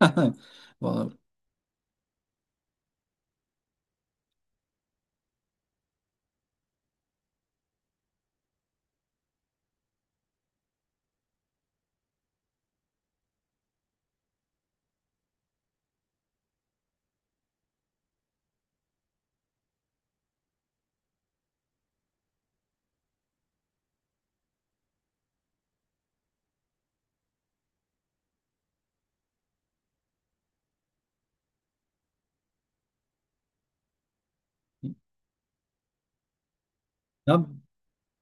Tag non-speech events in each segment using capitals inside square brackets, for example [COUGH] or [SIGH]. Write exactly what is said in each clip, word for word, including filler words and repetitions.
[LAUGHS] Vallahi. Ya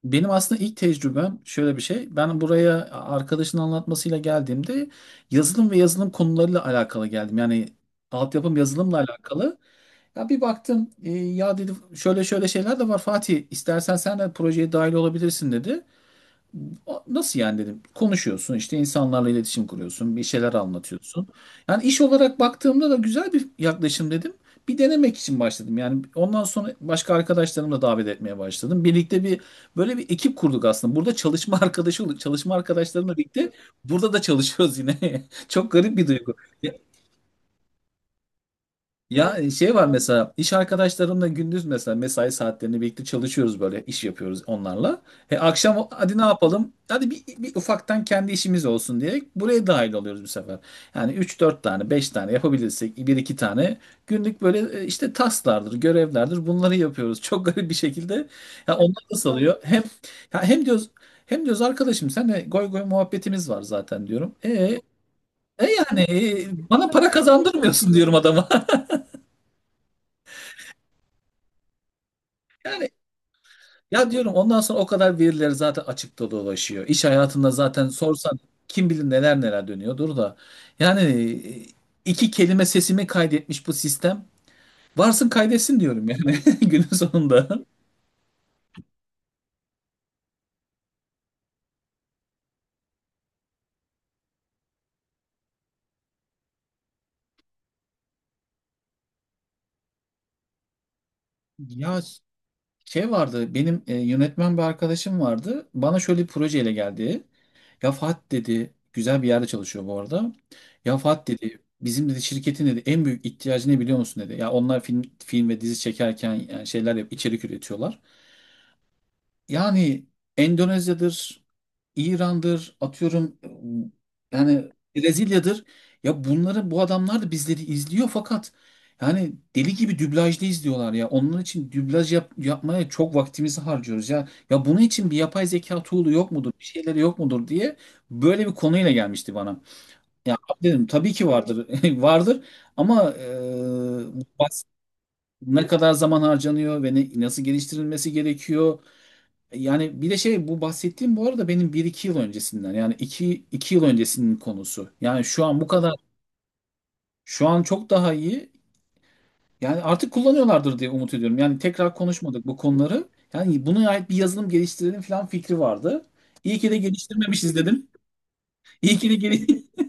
benim aslında ilk tecrübem şöyle bir şey. Ben buraya arkadaşın anlatmasıyla geldiğimde yazılım ve yazılım konularıyla alakalı geldim. Yani altyapım yazılımla alakalı. Ya bir baktım, e, ya dedi şöyle şöyle şeyler de var, Fatih, istersen sen de projeye dahil olabilirsin dedi. Nasıl yani dedim. Konuşuyorsun işte, insanlarla iletişim kuruyorsun, bir şeyler anlatıyorsun. Yani iş olarak baktığımda da güzel bir yaklaşım dedim. Bir denemek için başladım. Yani ondan sonra başka arkadaşlarımı da davet etmeye başladım. Birlikte bir böyle bir ekip kurduk aslında. Burada çalışma [LAUGHS] arkadaşı olduk. Çalışma arkadaşlarımla birlikte burada da çalışıyoruz yine. [LAUGHS] Çok garip bir duygu. Ya e, şey var mesela, iş arkadaşlarımla gündüz mesela mesai saatlerini birlikte çalışıyoruz, böyle iş yapıyoruz onlarla. E akşam hadi ne yapalım? Hadi bir, bir ufaktan kendi işimiz olsun diye buraya dahil oluyoruz bu sefer. Yani üç dört tane beş tane yapabilirsek, bir iki tane günlük böyle e, işte tasklardır görevlerdir bunları yapıyoruz. Çok garip bir şekilde ya, onlar da salıyor. Hem ya, hem diyoruz hem diyoruz arkadaşım, senle goy goy muhabbetimiz var zaten diyorum. E, e yani e, bana para kazandırmıyorsun diyorum adama. [LAUGHS] Yani ya diyorum, ondan sonra o kadar verileri zaten açıkta dolaşıyor. İş hayatında zaten sorsan kim bilir neler neler dönüyordur da. Yani e, iki kelime sesimi kaydetmiş bu sistem. Varsın kaydetsin diyorum yani, [LAUGHS] günün sonunda. Ya şey vardı benim, e, yönetmen bir arkadaşım vardı. Bana şöyle bir projeyle geldi. Ya Fat dedi, güzel bir yerde çalışıyor bu arada. Ya Fat dedi, bizim dedi şirketin dedi en büyük ihtiyacı ne biliyor musun dedi. Ya onlar film film ve dizi çekerken yani şeyler yap, içerik üretiyorlar. Yani Endonezya'dır, İran'dır, atıyorum yani Brezilya'dır. Ya bunları bu adamlar da bizleri izliyor fakat yani deli gibi dublajda izliyorlar ya. Onun için dublaj yap- yapmaya çok vaktimizi harcıyoruz ya. Ya bunun için bir yapay zeka tool'u yok mudur, bir şeyleri yok mudur diye böyle bir konuyla gelmişti bana. Ya abi dedim, tabii ki vardır, [LAUGHS] vardır ama, e, bu bahs- ne kadar zaman harcanıyor ve ne, nasıl geliştirilmesi gerekiyor? Yani bir de şey, bu bahsettiğim bu arada benim bir iki yıl öncesinden, yani iki iki yıl öncesinin konusu. Yani şu an bu kadar şu an çok daha iyi. Yani artık kullanıyorlardır diye umut ediyorum. Yani tekrar konuşmadık bu konuları. Yani buna ait bir yazılım geliştirelim falan fikri vardı. İyi ki de geliştirmemişiz dedim. İyi ki de gel [LAUGHS]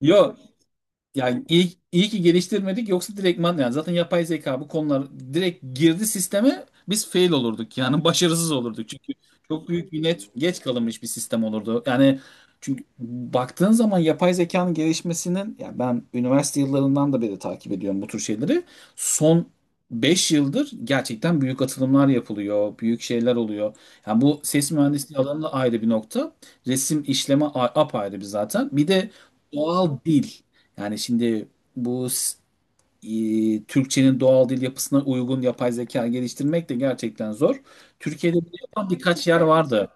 Yo, yani iyi, iyi ki geliştirmedik, yoksa direktman yani zaten yapay zeka bu konular direkt girdi sisteme, biz fail olurduk yani, [LAUGHS] başarısız olurduk, çünkü çok büyük bir net, geç kalınmış bir sistem olurdu. Yani çünkü baktığın zaman yapay zekanın gelişmesinin, ya, ben üniversite yıllarından da beri takip ediyorum bu tür şeyleri. Son beş yıldır gerçekten büyük atılımlar yapılıyor, büyük şeyler oluyor. Yani bu ses mühendisliği alanında ayrı bir nokta, resim işleme a- apayrı bir zaten. Bir de doğal dil. Yani şimdi bu s- e, Türkçenin doğal dil yapısına uygun yapay zeka geliştirmek de gerçekten zor. Türkiye'de bunu yapan birkaç yer vardı.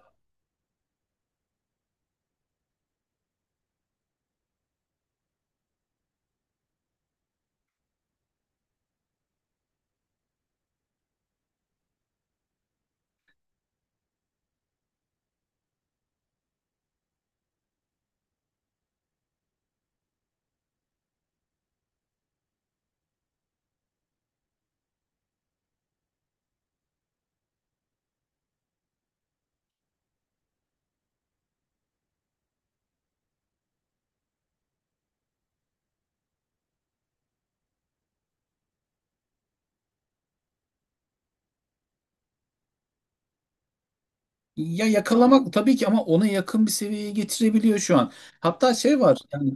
Ya yakalamak tabii ki, ama ona yakın bir seviyeye getirebiliyor şu an. Hatta şey var yani,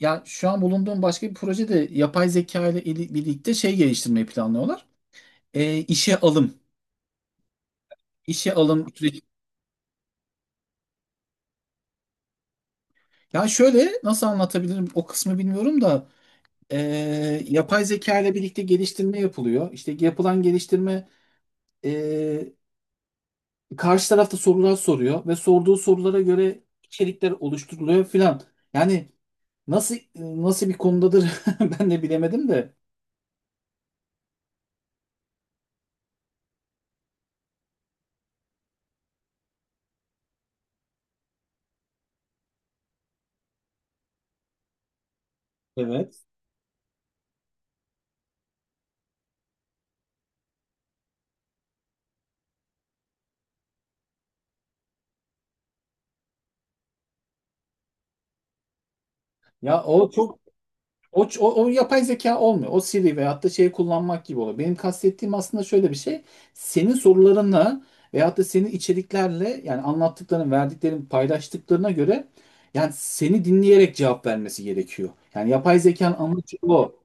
ya, şu an bulunduğum başka bir projede yapay zeka ile ili- birlikte şey geliştirmeyi planlıyorlar. E, işe alım. İşe alım süreci. Ya şöyle, nasıl anlatabilirim o kısmı bilmiyorum da, e, yapay zeka ile birlikte geliştirme yapılıyor. İşte yapılan geliştirme, Ee, karşı tarafta sorular soruyor ve sorduğu sorulara göre içerikler oluşturuluyor filan. Yani nasıl nasıl bir konudadır, [LAUGHS] ben de bilemedim de. Evet. Ya o çok o, ç- o, o yapay zeka olmuyor. O Siri veyahut da şey kullanmak gibi oluyor. Benim kastettiğim aslında şöyle bir şey. Senin sorularınla veyahut da senin içeriklerle, yani anlattıkların, verdiklerin, paylaştıklarına göre, yani seni dinleyerek cevap vermesi gerekiyor. Yani yapay zekanın amacı o.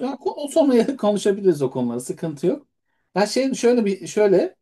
Ya, ko- sonra [LAUGHS] konuşabiliriz o konuları. Sıkıntı yok. Ben şey şöyle bir şöyle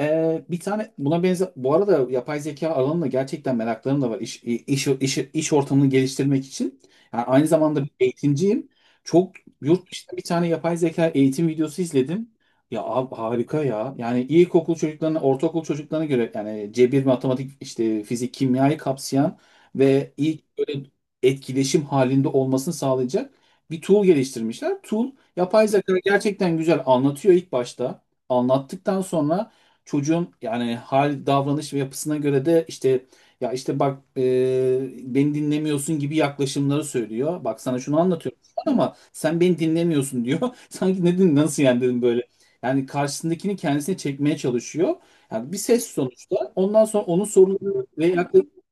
ee, bir tane buna benzer, bu arada yapay zeka alanında gerçekten meraklarım da var, iş iş iş, iş ortamını geliştirmek için. Yani aynı zamanda bir eğitimciyim. Çok, yurt dışında bir tane yapay zeka eğitim videosu izledim. Ya abi harika ya. Yani ilkokul çocuklarına, ortaokul çocuklarına göre, yani cebir, matematik, işte fizik, kimyayı kapsayan ve ilk böyle etkileşim halinde olmasını sağlayacak bir tool geliştirmişler. Tool, yapay zeka gerçekten güzel anlatıyor ilk başta. Anlattıktan sonra çocuğun yani hal, davranış ve yapısına göre de işte, ya işte bak, e, beni dinlemiyorsun gibi yaklaşımları söylüyor. Bak, sana şunu anlatıyorum şu an ama sen beni dinlemiyorsun diyor. [LAUGHS] Sanki, ne din nasıl yani dedim böyle. Yani karşısındakini kendisine çekmeye çalışıyor. Yani bir ses sonuçta. Ondan sonra onun soruları ve yaklaşımları.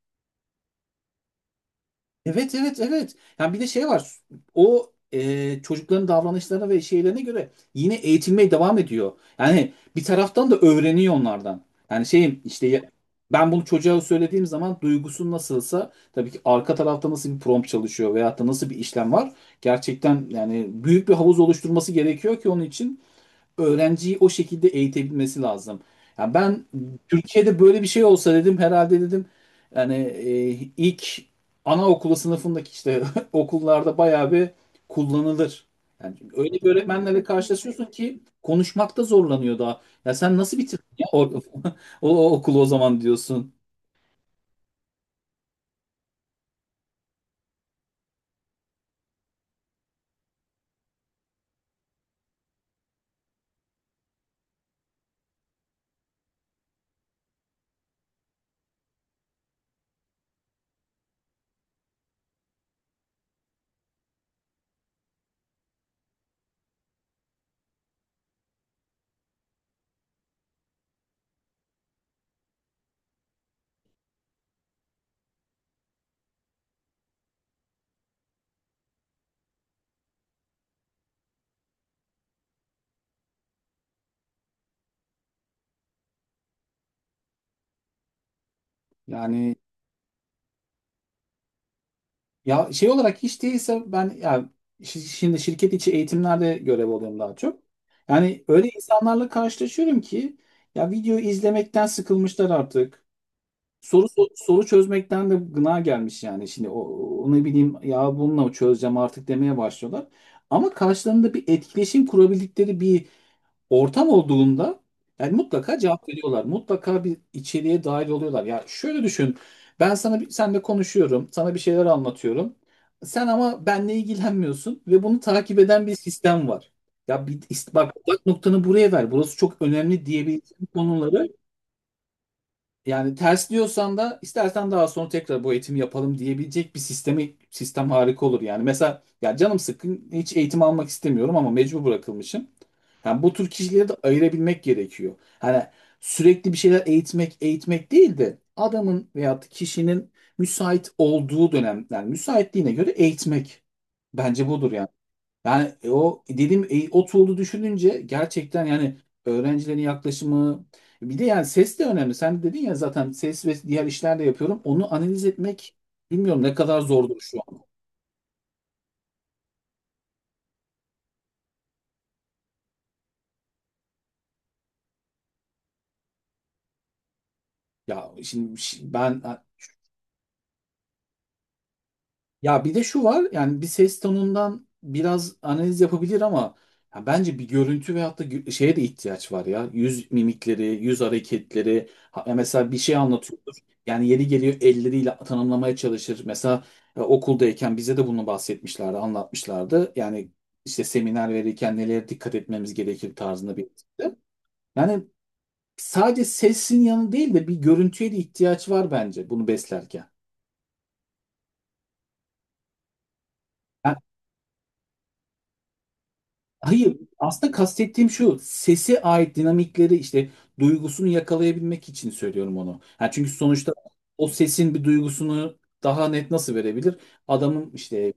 Evet, evet, evet. Yani bir de şey var. O, e, çocukların davranışlarına ve şeylerine göre yine eğitilmeye devam ediyor. Yani bir taraftan da öğreniyor onlardan. Yani şeyim işte, ya- ben bunu çocuğa söylediğim zaman duygusu nasılsa, tabii ki arka tarafta nasıl bir prompt çalışıyor veyahut da nasıl bir işlem var. Gerçekten yani büyük bir havuz oluşturması gerekiyor ki onun için öğrenciyi o şekilde eğitebilmesi lazım. Ya ben, Türkiye'de böyle bir şey olsa dedim, herhalde dedim, yani, e, ilk anaokulu sınıfındaki işte, [LAUGHS] okullarda bayağı bir kullanılır. Yani öyle bir öğretmenlerle karşılaşıyorsun ki, konuşmakta zorlanıyor daha. Ya sen nasıl bitirdin ya or- [LAUGHS] o, o okulu o zaman diyorsun. Yani, ya şey olarak hiç değilse ben, ya şi- şimdi şirket içi eğitimlerde görev alıyorum daha çok. Yani öyle insanlarla karşılaşıyorum ki ya, video izlemekten sıkılmışlar artık. Soru so- soru çözmekten de gına gelmiş yani. Şimdi o, onu bileyim, ya bununla çözeceğim artık demeye başlıyorlar. Ama karşılarında bir etkileşim kurabildikleri bir ortam olduğunda yani mutlaka cevap veriyorlar. Mutlaka bir içeriğe dahil oluyorlar. Ya şöyle düşün. Ben sana bir, senle konuşuyorum. Sana bir şeyler anlatıyorum. Sen ama benle ilgilenmiyorsun ve bunu takip eden bir sistem var. Ya bir, bak bak, noktanı buraya ver. Burası çok önemli diyebileceğim konuları yani, ters diyorsan da istersen daha sonra tekrar bu eğitimi yapalım diyebilecek bir sistemi sistem harika olur yani. Mesela, ya canım sıkkın, hiç eğitim almak istemiyorum ama mecbur bırakılmışım. Yani bu tür kişileri de ayırabilmek gerekiyor. Hani sürekli bir şeyler eğitmek eğitmek değil de, adamın veyahut kişinin müsait olduğu dönem, yani müsaitliğine göre eğitmek. Bence budur yani. Yani, e, o dedim, e, o tool'u düşününce gerçekten yani, öğrencilerin yaklaşımı, bir de yani ses de önemli. Sen dedin ya, zaten ses ve diğer işler de yapıyorum. Onu analiz etmek bilmiyorum ne kadar zordur şu an. Ya şimdi, şi- ben, ya bir de şu var yani, bir ses tonundan biraz analiz yapabilir ama, ya bence bir görüntü veyahut da gü- şeye de ihtiyaç var ya. Yüz mimikleri, yüz hareketleri. Ha- ya mesela bir şey anlatıyordur. Yani yeri geliyor elleriyle tanımlamaya çalışır. Mesela e, okuldayken bize de bunu bahsetmişlerdi, anlatmışlardı. Yani işte seminer verirken nelere dikkat etmemiz gerekir tarzında bir etkisi. Yani sadece sesin yanı değil de bir görüntüye de ihtiyaç var bence bunu beslerken. Hayır, aslında kastettiğim şu, sese ait dinamikleri işte, duygusunu yakalayabilmek için söylüyorum onu. Ha, çünkü sonuçta o sesin bir duygusunu daha net nasıl verebilir? Adamın işte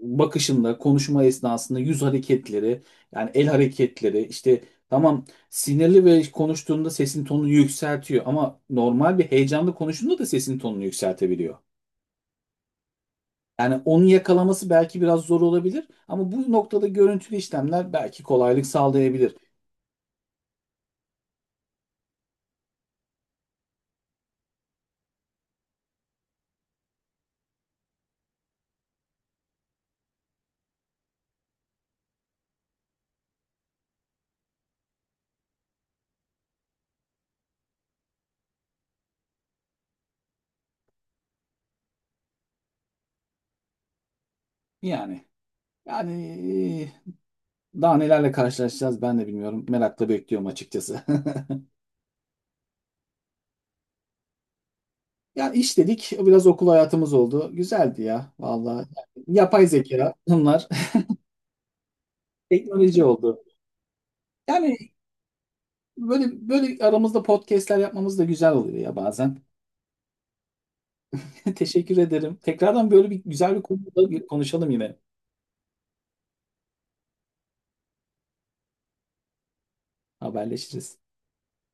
bakışında, konuşma esnasında yüz hareketleri, yani el hareketleri, işte, tamam sinirli ve konuştuğunda sesin tonunu yükseltiyor, ama normal bir heyecanlı konuştuğunda da sesin tonunu yükseltebiliyor. Yani onu yakalaması belki biraz zor olabilir ama bu noktada görüntülü işlemler belki kolaylık sağlayabilir. Yani, yani daha nelerle karşılaşacağız ben de bilmiyorum. Merakla bekliyorum açıkçası. [LAUGHS] Yani iş dedik, biraz okul hayatımız oldu. Güzeldi ya, vallahi. Yani yapay zeka, bunlar [LAUGHS] teknoloji oldu. Yani böyle böyle aramızda podcastler yapmamız da güzel oluyor ya bazen. [LAUGHS] Teşekkür ederim. Tekrardan böyle bir güzel bir konuda bir konuşalım yine. Haberleşiriz.